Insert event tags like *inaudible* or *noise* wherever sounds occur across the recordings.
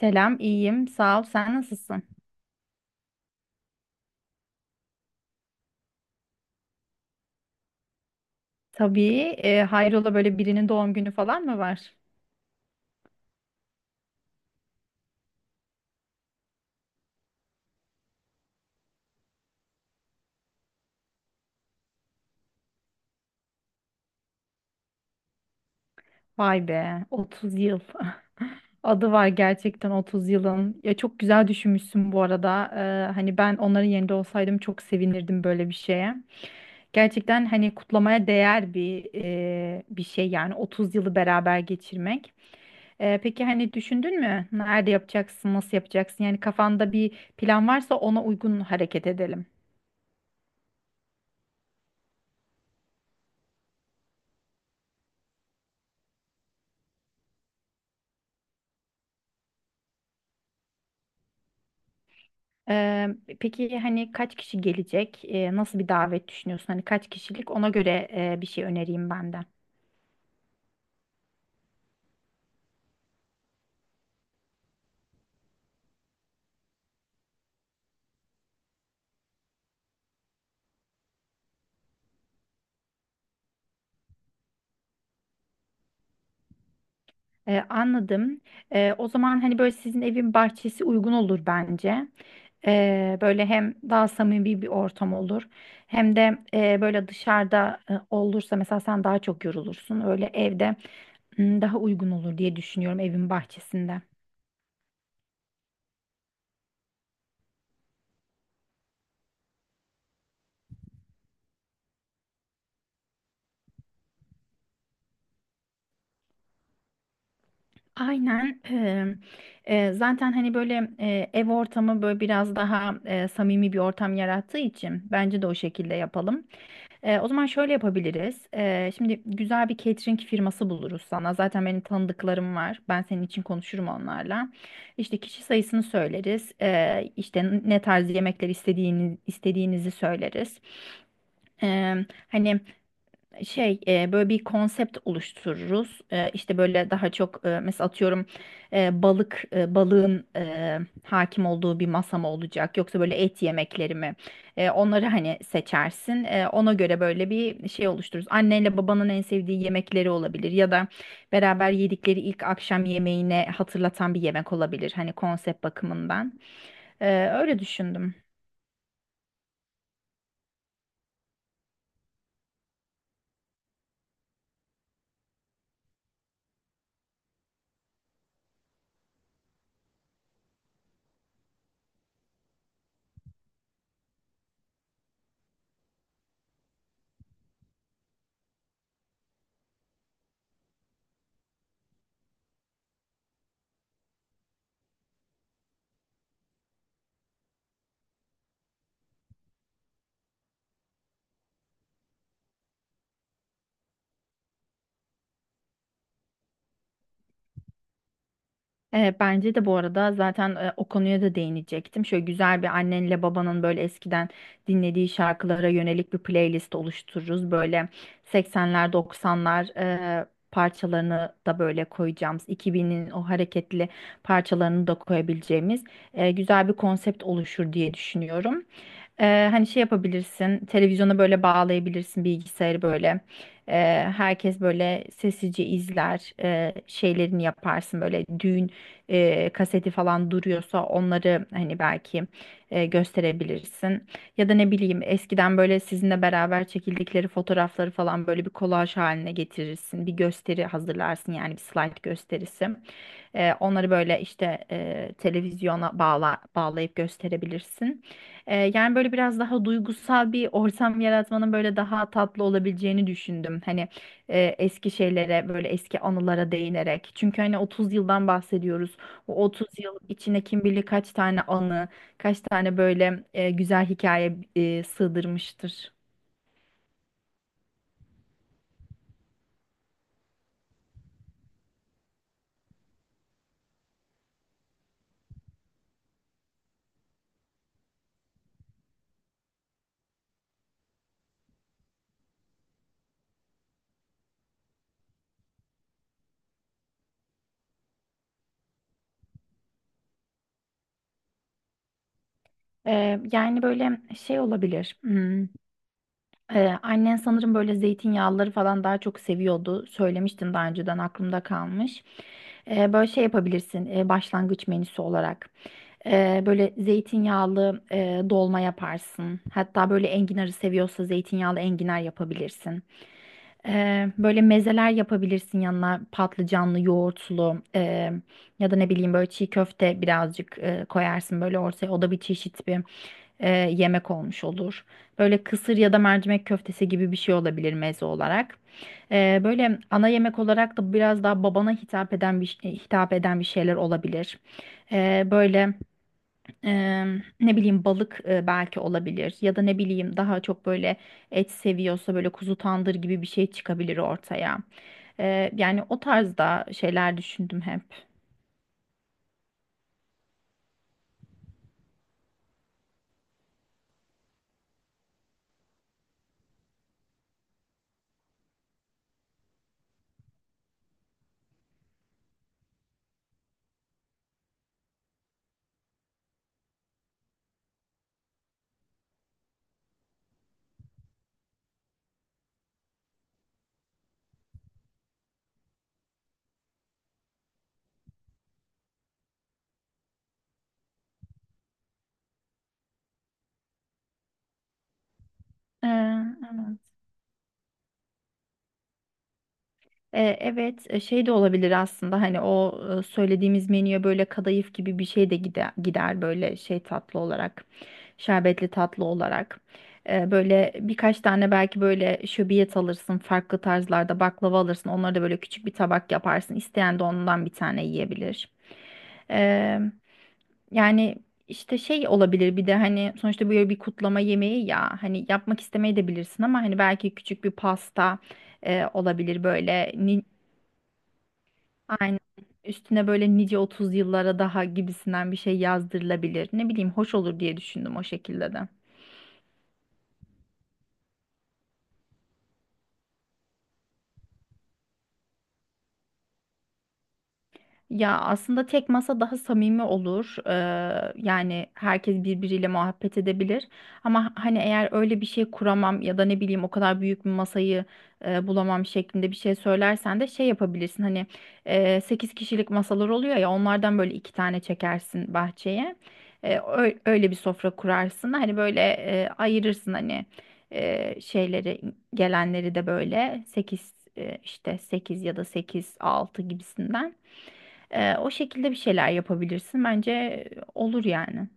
Selam, iyiyim. Sağ ol. Sen nasılsın? Tabii. Hayrola böyle birinin doğum günü falan mı var? Vay be, 30 yıl. *laughs* Adı var gerçekten 30 yılın. Ya çok güzel düşünmüşsün bu arada. Hani ben onların yerinde olsaydım çok sevinirdim böyle bir şeye. Gerçekten hani kutlamaya değer bir şey yani 30 yılı beraber geçirmek. Peki hani düşündün mü? Nerede yapacaksın? Nasıl yapacaksın? Yani kafanda bir plan varsa ona uygun hareket edelim. Ee, peki hani kaç kişi gelecek? Nasıl bir davet düşünüyorsun? Hani kaç kişilik? Ona göre bir şey önereyim ben de. Anladım. O zaman hani böyle sizin evin bahçesi uygun olur bence. Böyle hem daha samimi bir ortam olur, hem de böyle dışarıda olursa mesela sen daha çok yorulursun. Öyle evde daha uygun olur diye düşünüyorum evin bahçesinde. Aynen. Zaten hani böyle ev ortamı böyle biraz daha samimi bir ortam yarattığı için bence de o şekilde yapalım. O zaman şöyle yapabiliriz. Şimdi güzel bir catering firması buluruz sana. Zaten benim tanıdıklarım var. Ben senin için konuşurum onlarla. İşte kişi sayısını söyleriz. İşte ne tarz yemekler istediğini, istediğinizi söyleriz. Ee, hani şey böyle bir konsept oluştururuz. E, işte böyle daha çok mesela atıyorum balığın hakim olduğu bir masa mı olacak yoksa böyle et yemekleri mi? Onları hani seçersin. Ona göre böyle bir şey oluştururuz. Annenle babanın en sevdiği yemekleri olabilir ya da beraber yedikleri ilk akşam yemeğine hatırlatan bir yemek olabilir hani konsept bakımından. Öyle düşündüm. Bence de bu arada zaten o konuya da değinecektim. Şöyle güzel bir annenle babanın böyle eskiden dinlediği şarkılara yönelik bir playlist oluştururuz. Böyle 80'ler 90'lar e, parçalarını da böyle koyacağımız, 2000'in o hareketli parçalarını da koyabileceğimiz güzel bir konsept oluşur diye düşünüyorum. Hani şey yapabilirsin, televizyona böyle bağlayabilirsin, bilgisayarı böyle. Ee, herkes böyle sessizce izler, şeylerini yaparsın böyle düğün kaseti falan duruyorsa onları hani belki gösterebilirsin. Ya da ne bileyim eskiden böyle sizinle beraber çekildikleri fotoğrafları falan böyle bir kolaj haline getirirsin. Bir gösteri hazırlarsın yani bir slide gösterisi. Onları böyle işte televizyona bağlayıp gösterebilirsin. Yani böyle biraz daha duygusal bir ortam yaratmanın böyle daha tatlı olabileceğini düşündüm. Hani eski şeylere böyle eski anılara değinerek. Çünkü hani 30 yıldan bahsediyoruz. Bu 30 yıl içine kim bilir kaç tane anı, kaç tane böyle güzel hikaye sığdırmıştır. Yani böyle şey olabilir. Annen sanırım böyle zeytinyağlıları falan daha çok seviyordu. Söylemiştin daha önceden aklımda kalmış. Böyle şey yapabilirsin başlangıç menüsü olarak. Böyle zeytinyağlı dolma yaparsın. Hatta böyle enginarı seviyorsa zeytinyağlı enginar yapabilirsin. Böyle mezeler yapabilirsin yanına patlıcanlı, yoğurtlu ya da ne bileyim böyle çiğ köfte birazcık koyarsın böyle ortaya. O da bir çeşit bir yemek olmuş olur. Böyle kısır ya da mercimek köftesi gibi bir şey olabilir meze olarak. Böyle ana yemek olarak da biraz daha babana hitap eden bir şeyler olabilir. Böyle. Ne bileyim balık belki olabilir ya da ne bileyim daha çok böyle et seviyorsa böyle kuzu tandır gibi bir şey çıkabilir ortaya. Yani o tarzda şeyler düşündüm hep. Eee, evet. Evet, şey de olabilir aslında hani o söylediğimiz menüye böyle kadayıf gibi bir şey de gider böyle şey tatlı olarak, şerbetli tatlı olarak. Böyle birkaç tane belki böyle şöbiyet alırsın, farklı tarzlarda baklava alırsın, onları da böyle küçük bir tabak yaparsın. İsteyen de ondan bir tane yiyebilir. E, yani işte şey olabilir bir de hani sonuçta böyle bir kutlama yemeği ya hani yapmak istemeyebilirsin ama hani belki küçük bir pasta olabilir böyle. Aynen. Üstüne böyle nice 30 yıllara daha gibisinden bir şey yazdırılabilir. Ne bileyim hoş olur diye düşündüm o şekilde de. Ya aslında tek masa daha samimi olur. Yani herkes birbiriyle muhabbet edebilir. Ama hani eğer öyle bir şey kuramam ya da ne bileyim o kadar büyük bir masayı bulamam şeklinde bir şey söylersen de şey yapabilirsin. Hani 8 kişilik masalar oluyor ya onlardan böyle iki tane çekersin bahçeye. Öyle bir sofra kurarsın. Hani böyle ayırırsın hani şeyleri gelenleri de böyle 8 işte 8 ya da 8 6 gibisinden. O şekilde bir şeyler yapabilirsin. Bence olur yani.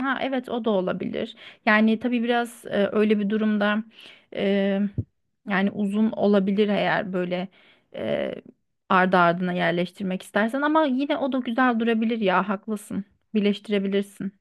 Ha, evet o da olabilir. Yani tabii biraz öyle bir durumda e, yani uzun olabilir eğer böyle e, ardı ardına yerleştirmek istersen ama yine o da güzel durabilir ya haklısın. Birleştirebilirsin.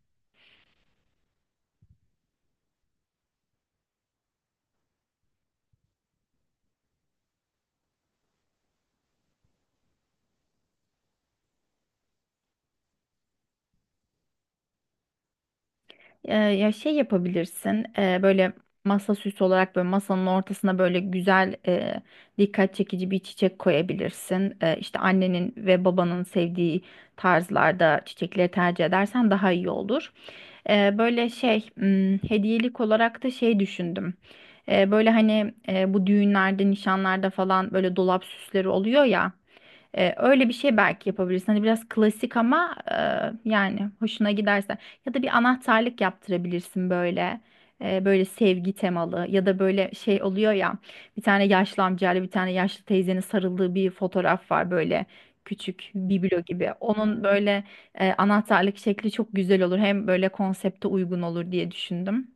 Ya şey yapabilirsin böyle masa süsü olarak böyle masanın ortasına böyle güzel dikkat çekici bir çiçek koyabilirsin. E, işte annenin ve babanın sevdiği tarzlarda çiçekleri tercih edersen daha iyi olur. Böyle şey hediyelik olarak da şey düşündüm. Böyle hani bu düğünlerde, nişanlarda falan böyle dolap süsleri oluyor ya. Öyle bir şey belki yapabilirsin. Hani biraz klasik ama yani hoşuna giderse. Ya da bir anahtarlık yaptırabilirsin böyle. Böyle sevgi temalı ya da böyle şey oluyor ya. Bir tane yaşlı amcayla bir tane yaşlı teyzenin sarıldığı bir fotoğraf var böyle. Küçük biblo gibi. Onun böyle anahtarlık şekli çok güzel olur. Hem böyle konsepte uygun olur diye düşündüm.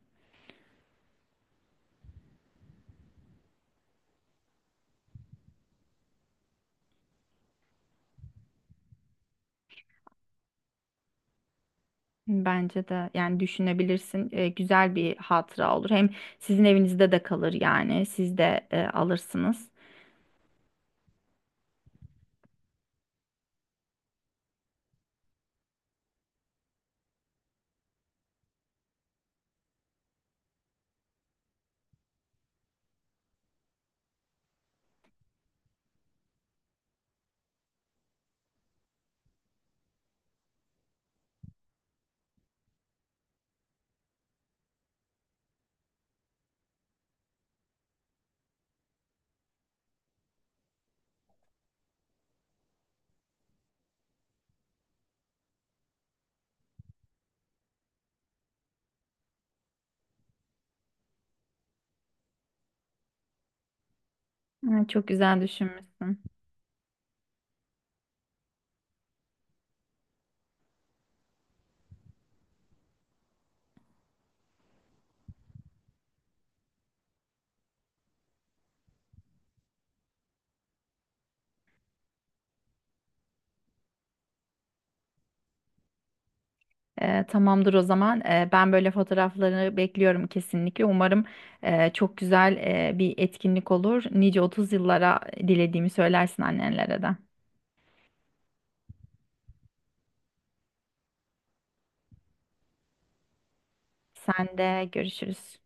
Bence de yani düşünebilirsin. Güzel bir hatıra olur. Hem sizin evinizde de kalır yani. Siz de alırsınız. Çok güzel düşünmüşsün. Tamamdır o zaman. Ben böyle fotoğrafları bekliyorum kesinlikle. Umarım çok güzel bir etkinlik olur. Nice 30 yıllara dilediğimi söylersin annenlere de. Sen de görüşürüz.